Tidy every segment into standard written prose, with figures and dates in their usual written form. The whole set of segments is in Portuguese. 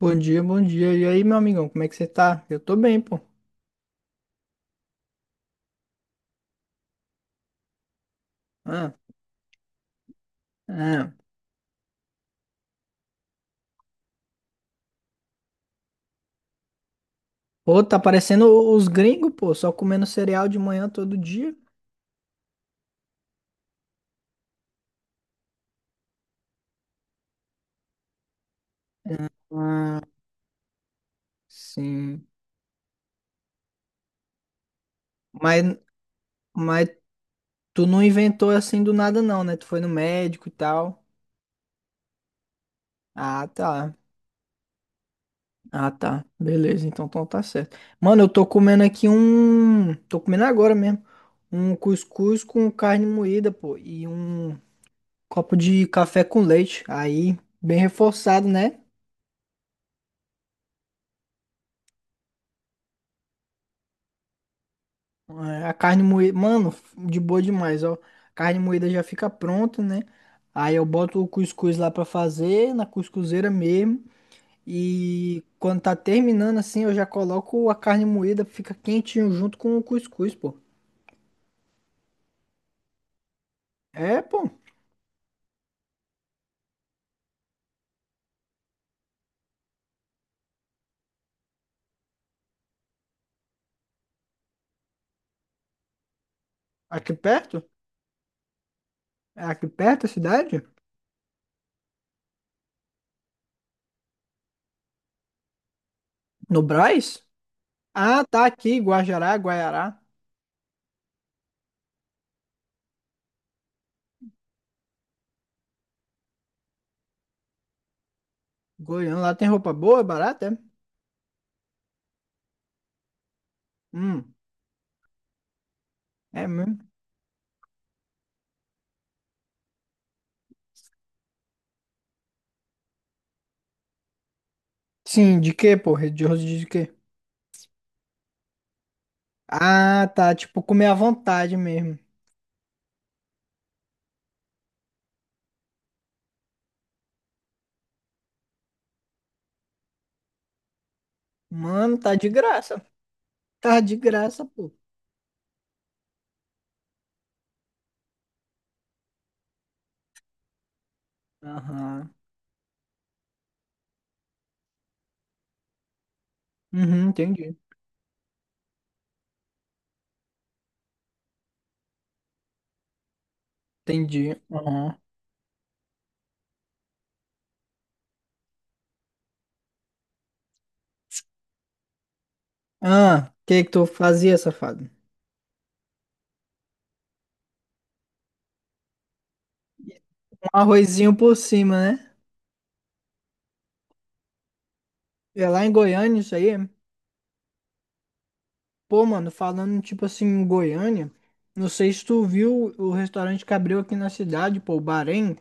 Bom dia, bom dia. E aí, meu amigão, como é que você tá? Eu tô bem, pô. Ah, ah. Pô, tá parecendo o- os gringos, pô, só comendo cereal de manhã todo dia. Ah, sim. Mas, mas tu não inventou assim do nada, não, né? Tu foi no médico e tal. Ah, tá. Ah, tá. Beleza, então, tá certo. Mano, eu tô comendo aqui um. Tô comendo agora mesmo. Um cuscuz com carne moída, pô. E um copo de café com leite. Aí, bem reforçado, né? É, a carne moída, mano, de boa demais, ó. Carne moída já fica pronta, né? Aí eu boto o cuscuz lá pra fazer, na cuscuzeira mesmo. E quando tá terminando assim, eu já coloco a carne moída, fica quentinho junto com o cuscuz, pô. É, pô. Aqui perto? É aqui perto a cidade? No Brás? Ah, tá aqui, Guajará, Guaiará. Goiânia, lá tem roupa boa, barata, é? Hum, é mesmo. Sim, de quê, pô? De rosto de quê? Ah, tá. Tipo, comer à vontade mesmo. Mano, tá de graça. Tá de graça, pô. Aham. Uhum, entendi. Entendi. Aham. Ah, o que que tu fazia, safado? Um arrozinho por cima, né? É lá em Goiânia isso aí. Pô, mano, falando tipo assim em Goiânia, não sei se tu viu o restaurante que abriu aqui na cidade, pô, o Bahrein.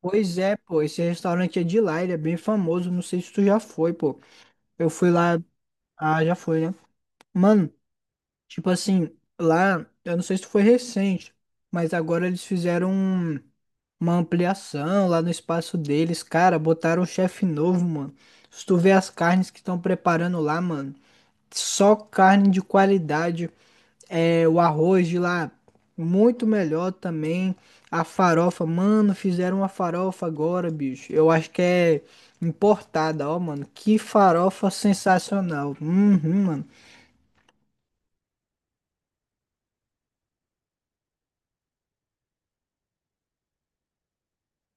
Pois é, pô, esse restaurante é de lá, ele é bem famoso, não sei se tu já foi, pô. Eu fui lá, ah, já foi, né? Mano, tipo assim, lá, eu não sei se foi recente, mas agora eles fizeram uma ampliação lá no espaço deles, cara, botaram um chefe novo, mano. Se tu vê as carnes que estão preparando lá, mano, só carne de qualidade. É, o arroz de lá, muito melhor também. A farofa, mano, fizeram uma farofa agora, bicho. Eu acho que é importada, ó, mano. Que farofa sensacional. Uhum, mano.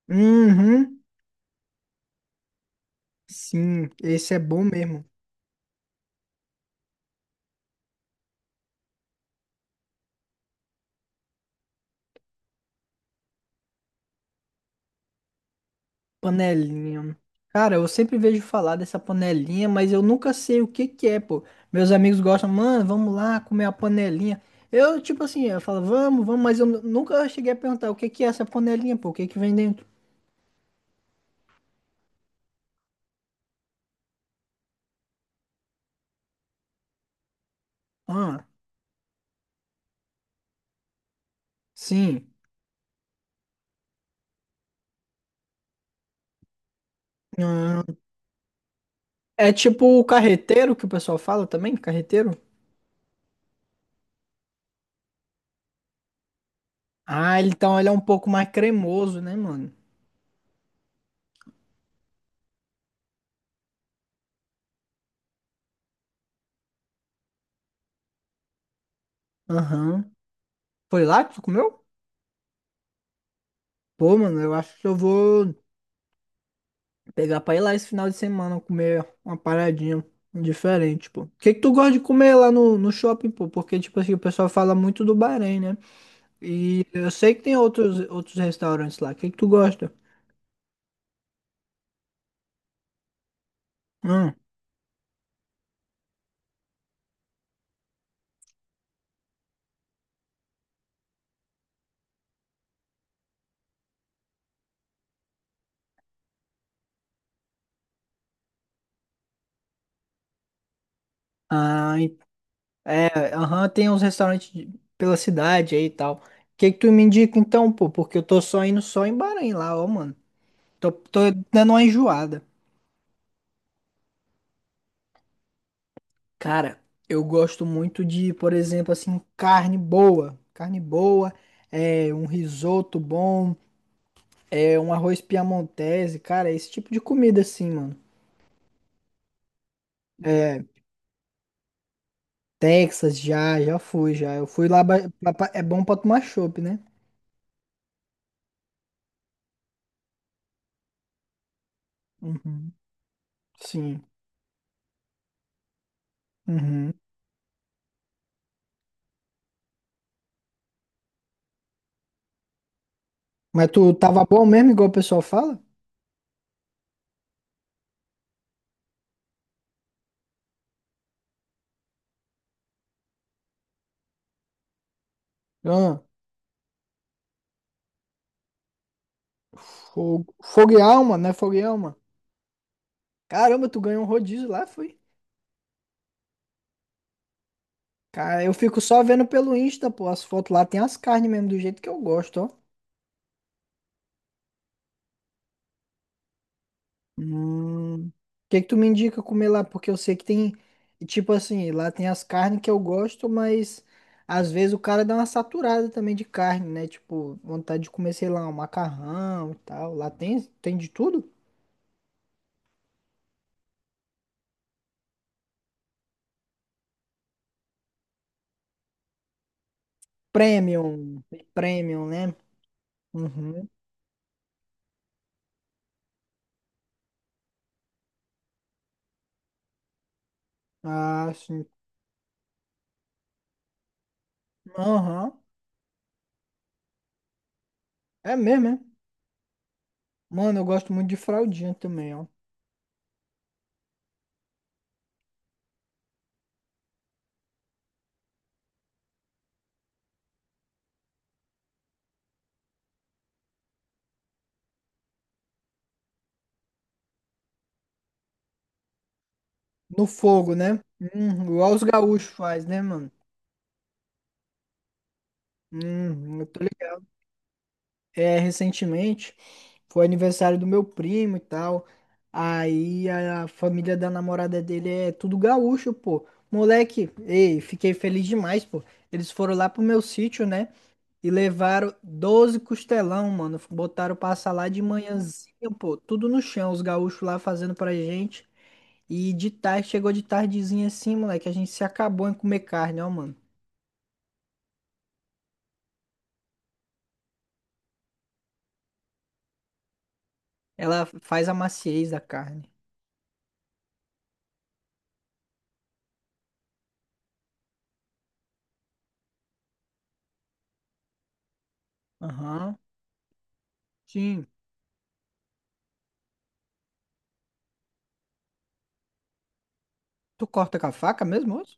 Uhum. Sim, esse é bom mesmo. Panelinha. Cara, eu sempre vejo falar dessa panelinha, mas eu nunca sei o que que é, pô. Meus amigos gostam, mano, vamos lá comer a panelinha. Eu, tipo assim, eu falo, vamos, vamos, mas eu nunca cheguei a perguntar o que que é essa panelinha, pô, o que que vem dentro? Ah, sim. Hum, é tipo o carreteiro que o pessoal fala também, carreteiro? Ah, ele- então ele é um pouco mais cremoso, né, mano? Aham. Foi lá que tu comeu? Pô, mano, eu acho que eu vou pegar pra ir lá esse final de semana comer uma paradinha diferente, pô. O que que tu gosta de comer lá no, no shopping, pô? Porque, tipo assim, o pessoal fala muito do Bahrein, né? E eu sei que tem outros, outros restaurantes lá. O que que tu gosta? Hum. Ah, é, aham, tem uns restaurantes pela cidade aí e tal. O que que tu me indica então, pô? Porque eu tô só indo só em Bahrein lá, ó, mano. Tô dando uma enjoada. Cara, eu gosto muito de, por exemplo, assim, carne boa. Carne boa, é, um risoto bom, é, um arroz piamontese, cara, esse tipo de comida assim, mano. É, Texas já fui, já. Eu fui lá, é bom pra tomar chopp, né? Uhum. Sim. Uhum. Mas tu tava bom mesmo, igual o pessoal fala? Ah, fogo, fogo e alma, né? Fogo e Alma. Caramba, tu ganhou um rodízio lá, foi? Cara, eu fico só vendo pelo Insta, pô. As fotos lá tem as carnes mesmo, do jeito que eu gosto, ó. Hum. O que que tu me indica comer lá? Porque eu sei que tem, e tipo assim, lá tem as carnes que eu gosto, mas às vezes o cara dá uma saturada também de carne, né? Tipo, vontade de comer, sei lá, um macarrão e tal. Lá tem, tem de tudo? Premium, premium, né? Uhum. Ah, sim. Aham. É mesmo, é? Mano, eu gosto muito de fraldinha também, ó. No fogo, né? Igual os gaúchos faz, né, mano? Eu tô ligado. É, recentemente foi aniversário do meu primo e tal. Aí a família da namorada dele é tudo gaúcho, pô. Moleque, ei, fiquei feliz demais, pô. Eles foram lá pro meu sítio, né? E levaram 12 costelão, mano. Botaram pra assar lá de manhãzinha, pô. Tudo no chão, os gaúchos lá fazendo pra gente. E de tarde, chegou de tardezinha assim, moleque. A gente se acabou em comer carne, ó, mano. Ela faz a maciez da carne. Aham. Sim. Tu corta com a faca mesmo o osso?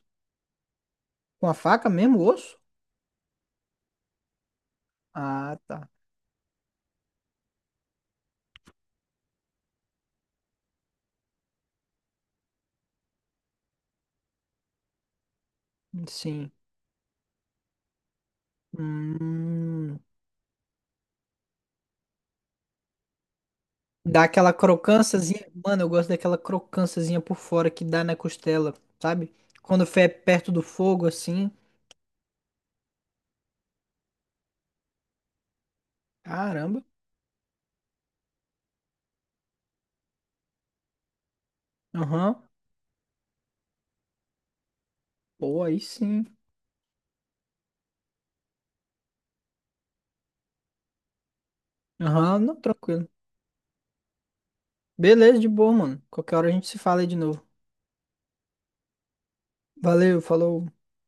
Com a faca mesmo o osso? Ah, tá. Sim. Hum. Dá aquela crocânciazinha. Mano, eu gosto daquela crocânciazinha por fora que dá na costela, sabe? Quando foi perto do fogo, assim. Caramba. Aham. Pô, aí sim. Aham, não, tranquilo. Beleza, de boa, mano. Qualquer hora a gente se fala aí de novo. Valeu, falou.